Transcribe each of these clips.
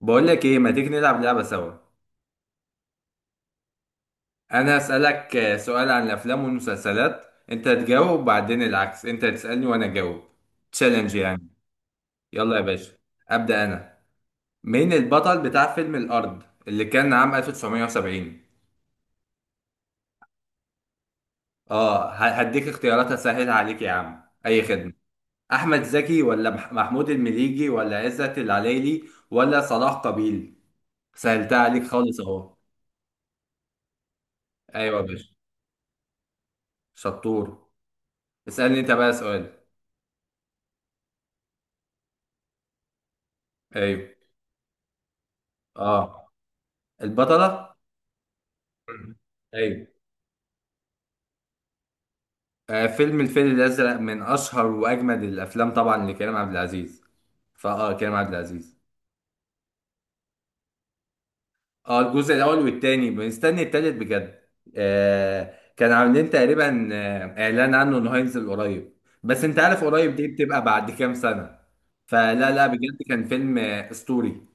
بقول لك ايه، ما تيجي نلعب لعبة سوا؟ انا هسألك سؤال عن الافلام والمسلسلات. انت تجاوب وبعدين العكس، انت تسألني وانا اجاوب. تشالنج يعني. يلا يا باشا. ابدأ انا. مين البطل بتاع فيلم الارض اللي كان عام 1970؟ اه، هديك اختيارات اسهلها عليك يا عم، اي خدمة. احمد زكي ولا محمود المليجي ولا عزت العلايلي ولا صلاح قابيل؟ سهلتها عليك خالص اهو. ايوه يا باشا. شطور. اسألني انت بقى سؤال. ايوه. اه، البطلة. مم. ايوه. فيلم الفيل الأزرق من أشهر وأجمد الأفلام طبعا لكريم عبد العزيز. فاه كريم عبد العزيز. اه، الجزء الأول والتاني بنستني التالت بجد. كان عاملين تقريبا إعلان عنه إنه هينزل قريب. بس أنت عارف قريب دي بتبقى بعد كام سنة. فلا لا، بجد كان فيلم أسطوري.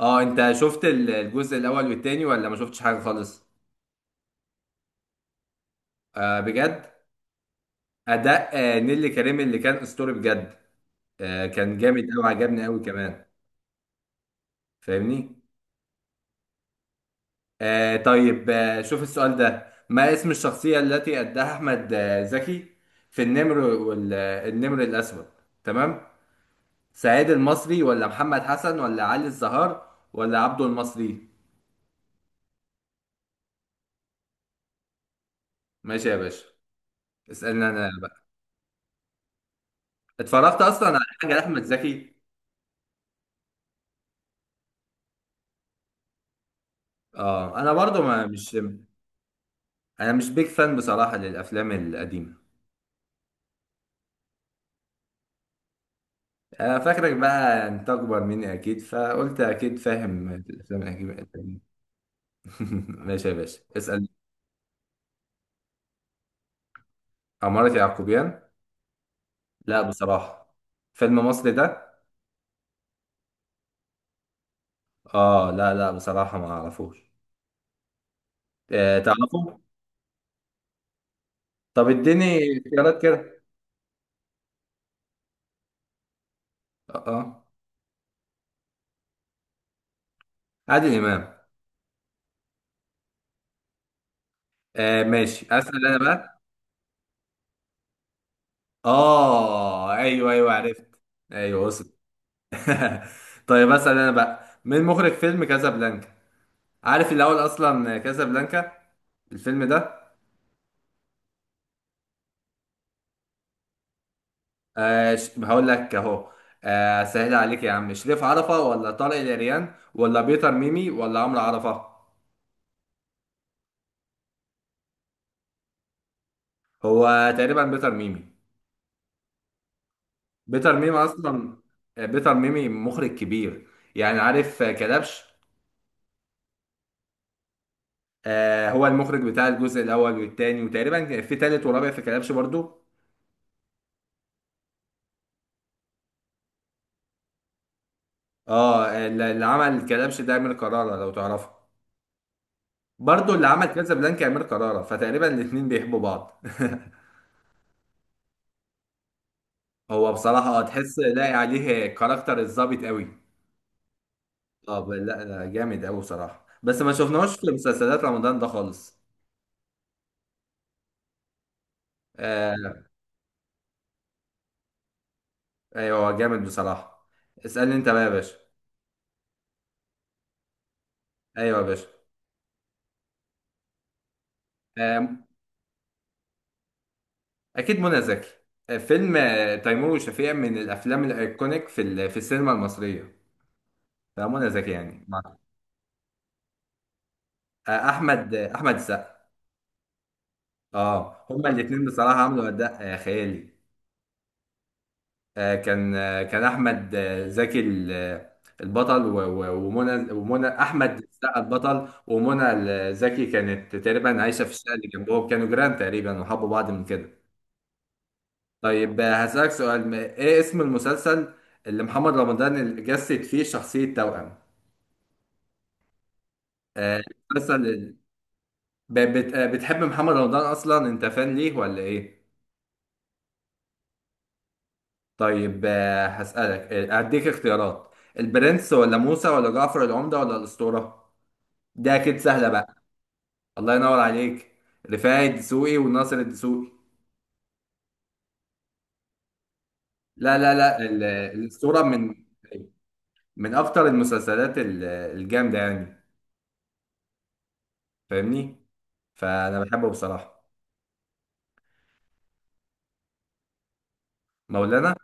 اه، أنت شفت الجزء الأول والتاني ولا ما شفتش حاجة خالص؟ بجد. أداء نيللي كريم اللي كان أسطوري بجد. كان جامد قوي، عجبني قوي كمان. فاهمني. طيب، شوف السؤال ده. ما اسم الشخصية التي أداها أحمد زكي في النمر والنمر الأسود؟ تمام. سعيد المصري ولا محمد حسن ولا علي الزهار ولا عبده المصري؟ ماشي يا باشا. اسألني أنا بقى. اتفرجت أصلا على حاجة لأحمد زكي؟ اه، أنا برضو ما مش. أنا مش بيك فان بصراحة للأفلام القديمة. فاكرك بقى انت اكبر مني اكيد، فقلت اكيد فاهم الافلام الاجنبي. ماشي يا باشا، اسال. عمارة يعقوبيان. لا بصراحه. فيلم مصري ده؟ اه، لا لا، بصراحه ما اعرفوش. تعرفه. طب اديني اختيارات كده. اه. آه. عادل امام. ماشي، اسال انا بقى. اه، ايوه، ايوه عرفت. ايوه وصل. طيب، اسال انا بقى. مين مخرج فيلم كازابلانكا؟ عارف الاول اصلا كازابلانكا الفيلم ده؟ هقول لك اهو. سهل عليك يا عم. شريف عرفة ولا طارق العريان ولا بيتر ميمي ولا عمرو عرفة؟ هو تقريبا بيتر ميمي. بيتر ميمي اصلا. بيتر ميمي مخرج كبير. يعني عارف كلبش. هو المخرج بتاع الجزء الاول والتاني، وتقريبا كان في تالت ورابع في كلبش برضو. اه، اللي عمل كلبش ده امير كرارة لو تعرفه. برضو اللي عمل كازابلانكا امير كرارة، فتقريبا الاتنين بيحبوا بعض. هو بصراحة، تحس لاقي عليه كاركتر الظابط قوي. اه، لا لا، جامد قوي بصراحة، بس ما شفناهوش في مسلسلات رمضان ده خالص. آه ايوه، هو جامد بصراحة. اسألني انت بقى يا باشا. ايوه يا باشا. آه اكيد منى زكي. فيلم تيمور وشفيقة من الافلام الايكونيك في السينما المصرية. فمنى زكي يعني احمد احمد السقا. اه، هما الاتنين بصراحة عملوا اداء خيالي. كان احمد زكي البطل ومنى احمد السقا البطل، ومنى زكي كانت تقريبا عايشه في الشقه اللي جنبهم، كانوا جيران تقريبا وحبوا بعض من كده. طيب هسألك سؤال. ايه اسم المسلسل اللي محمد رمضان جسد فيه شخصيه توأم؟ آه، المسلسل. بتحب محمد رمضان اصلا انت؟ فان ليه ولا ايه؟ طيب هسألك هديك اختيارات. البرنس ولا موسى ولا جعفر العمدة ولا الأسطورة؟ دي اكيد سهله بقى. الله ينور عليك. رفاعي الدسوقي وناصر الدسوقي. لا لا لا، الاسطوره من من اكتر المسلسلات الجامده يعني. فاهمني. فانا بحبه بصراحه. مولانا.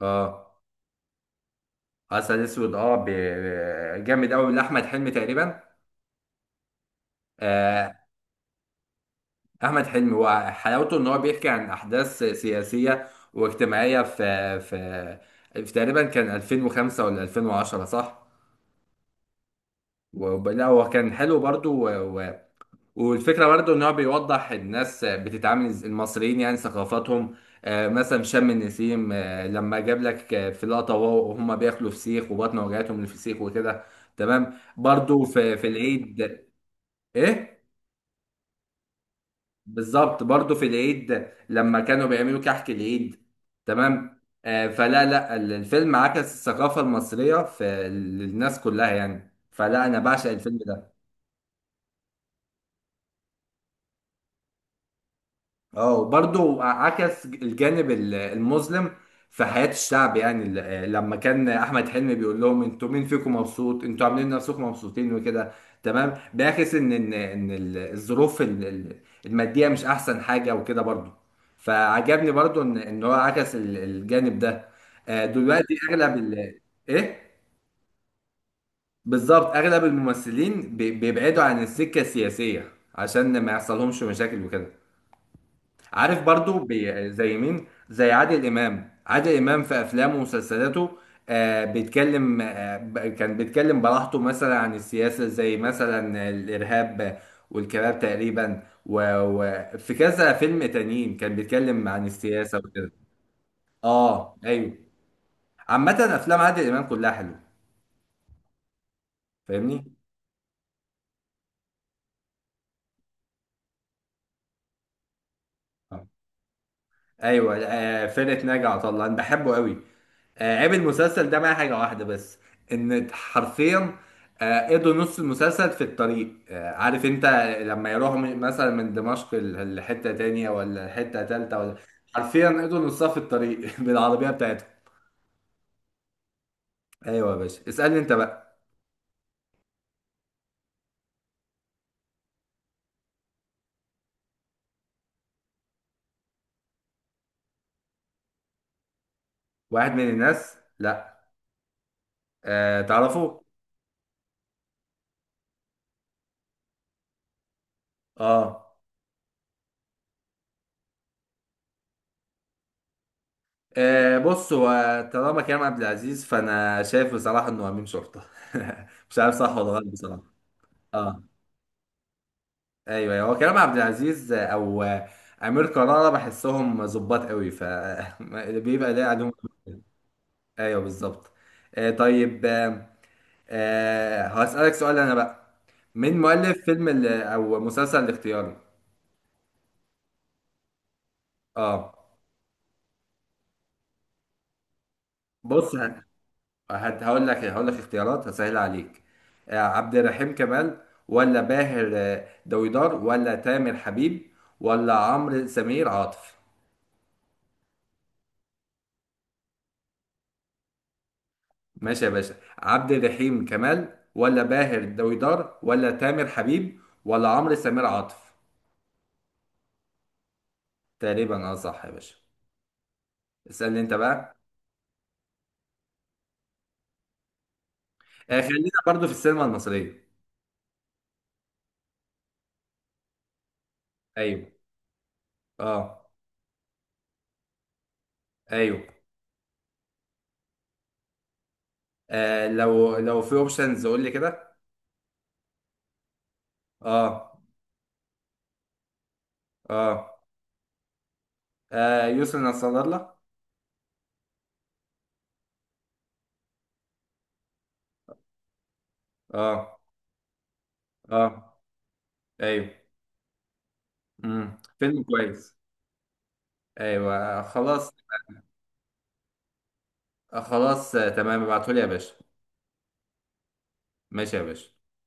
اه، عسل اسود. جامد قوي لاحمد حلمي تقريبا. آه احمد حلمي، وحلاوته ان هو بيحكي عن احداث سياسيه واجتماعيه في في تقريبا كان 2005 ولا 2010 صح؟ لا، هو كان حلو برضو. والفكرة برضو ان هو بيوضح الناس بتتعامل، المصريين يعني، ثقافاتهم. مثلا شم النسيم، لما جاب لك في لقطة وهم بياكلوا فسيخ وبطن، وجعتهم من الفسيخ وكده. تمام، برضو في العيد. ايه. بالظبط، برضو في العيد لما كانوا بيعملوا كحك العيد. تمام. فلا لا، الفيلم عكس الثقافة المصرية للناس كلها يعني. فلا، انا بعشق الفيلم ده. اه، وبرضه عكس الجانب المظلم في حياة الشعب يعني، لما كان أحمد حلمي بيقول لهم: انتوا مين فيكم مبسوط؟ انتوا عاملين نفسكم مبسوطين وكده. تمام، بيعكس ان الظروف المادية مش أحسن حاجة وكده برضه. فعجبني برضه ان هو عكس الجانب ده. دلوقتي أغلب إيه؟ بالظبط، أغلب الممثلين بيبعدوا عن السكة السياسية عشان ما يحصلهمش مشاكل وكده. عارف برضو، زي مين؟ زي عادل امام. عادل امام في افلامه ومسلسلاته بيتكلم. كان بيتكلم براحته مثلا عن السياسه، زي مثلا الارهاب والكباب تقريبا، وفي كذا فيلم تانيين كان بيتكلم عن السياسه وكده. اه، ايوه، عامه افلام عادل امام كلها حلوه. فاهمني. آه. ايوه، فرقه ناجي عطا الله انا بحبه قوي. عيب المسلسل ده معايا حاجه واحده بس. ان حرفيا قضوا نص المسلسل في الطريق. عارف انت، لما يروحوا مثلا من دمشق لحته تانية ولا حته تالتة ولا. حرفيا قضوا نصها في الطريق. بالعربيه بتاعتهم. ايوه يا باشا، اسالني انت بقى. واحد من الناس؟ لا. أه تعرفه. اه، بص هو، طالما كريم عبد العزيز فانا شايف بصراحه انه امين شرطه. مش عارف صح ولا غلط بصراحه. اه، ايوه، أيوة. هو كريم عبد العزيز او امير كرارة بحسهم ظباط قوي، ف بيبقى ده عليهم. ايوه بالظبط. طيب، هسألك سؤال انا بقى. مين مؤلف فيلم او مسلسل الاختيار؟ اه، بص، هقول لك، اختيارات هسهل عليك. عبد الرحيم كمال ولا باهر دويدار ولا تامر حبيب ولا عمرو سمير عاطف؟ ماشي يا باشا. عبد الرحيم كمال ولا باهر دويدار ولا تامر حبيب ولا عمرو سمير عاطف؟ تقريبا، اه صح يا باشا. اسألني انت بقى. خلينا برضو في السينما المصرية. ايوه، اه، ايوه. لو في اوبشنز قول لي كده. اه، اه، يسرا نصر الله. اه، اه، ايوه. فيلم كويس. ايوه، خلاص، تمام ابعتهولي يا باشا. ماشي يا باشا.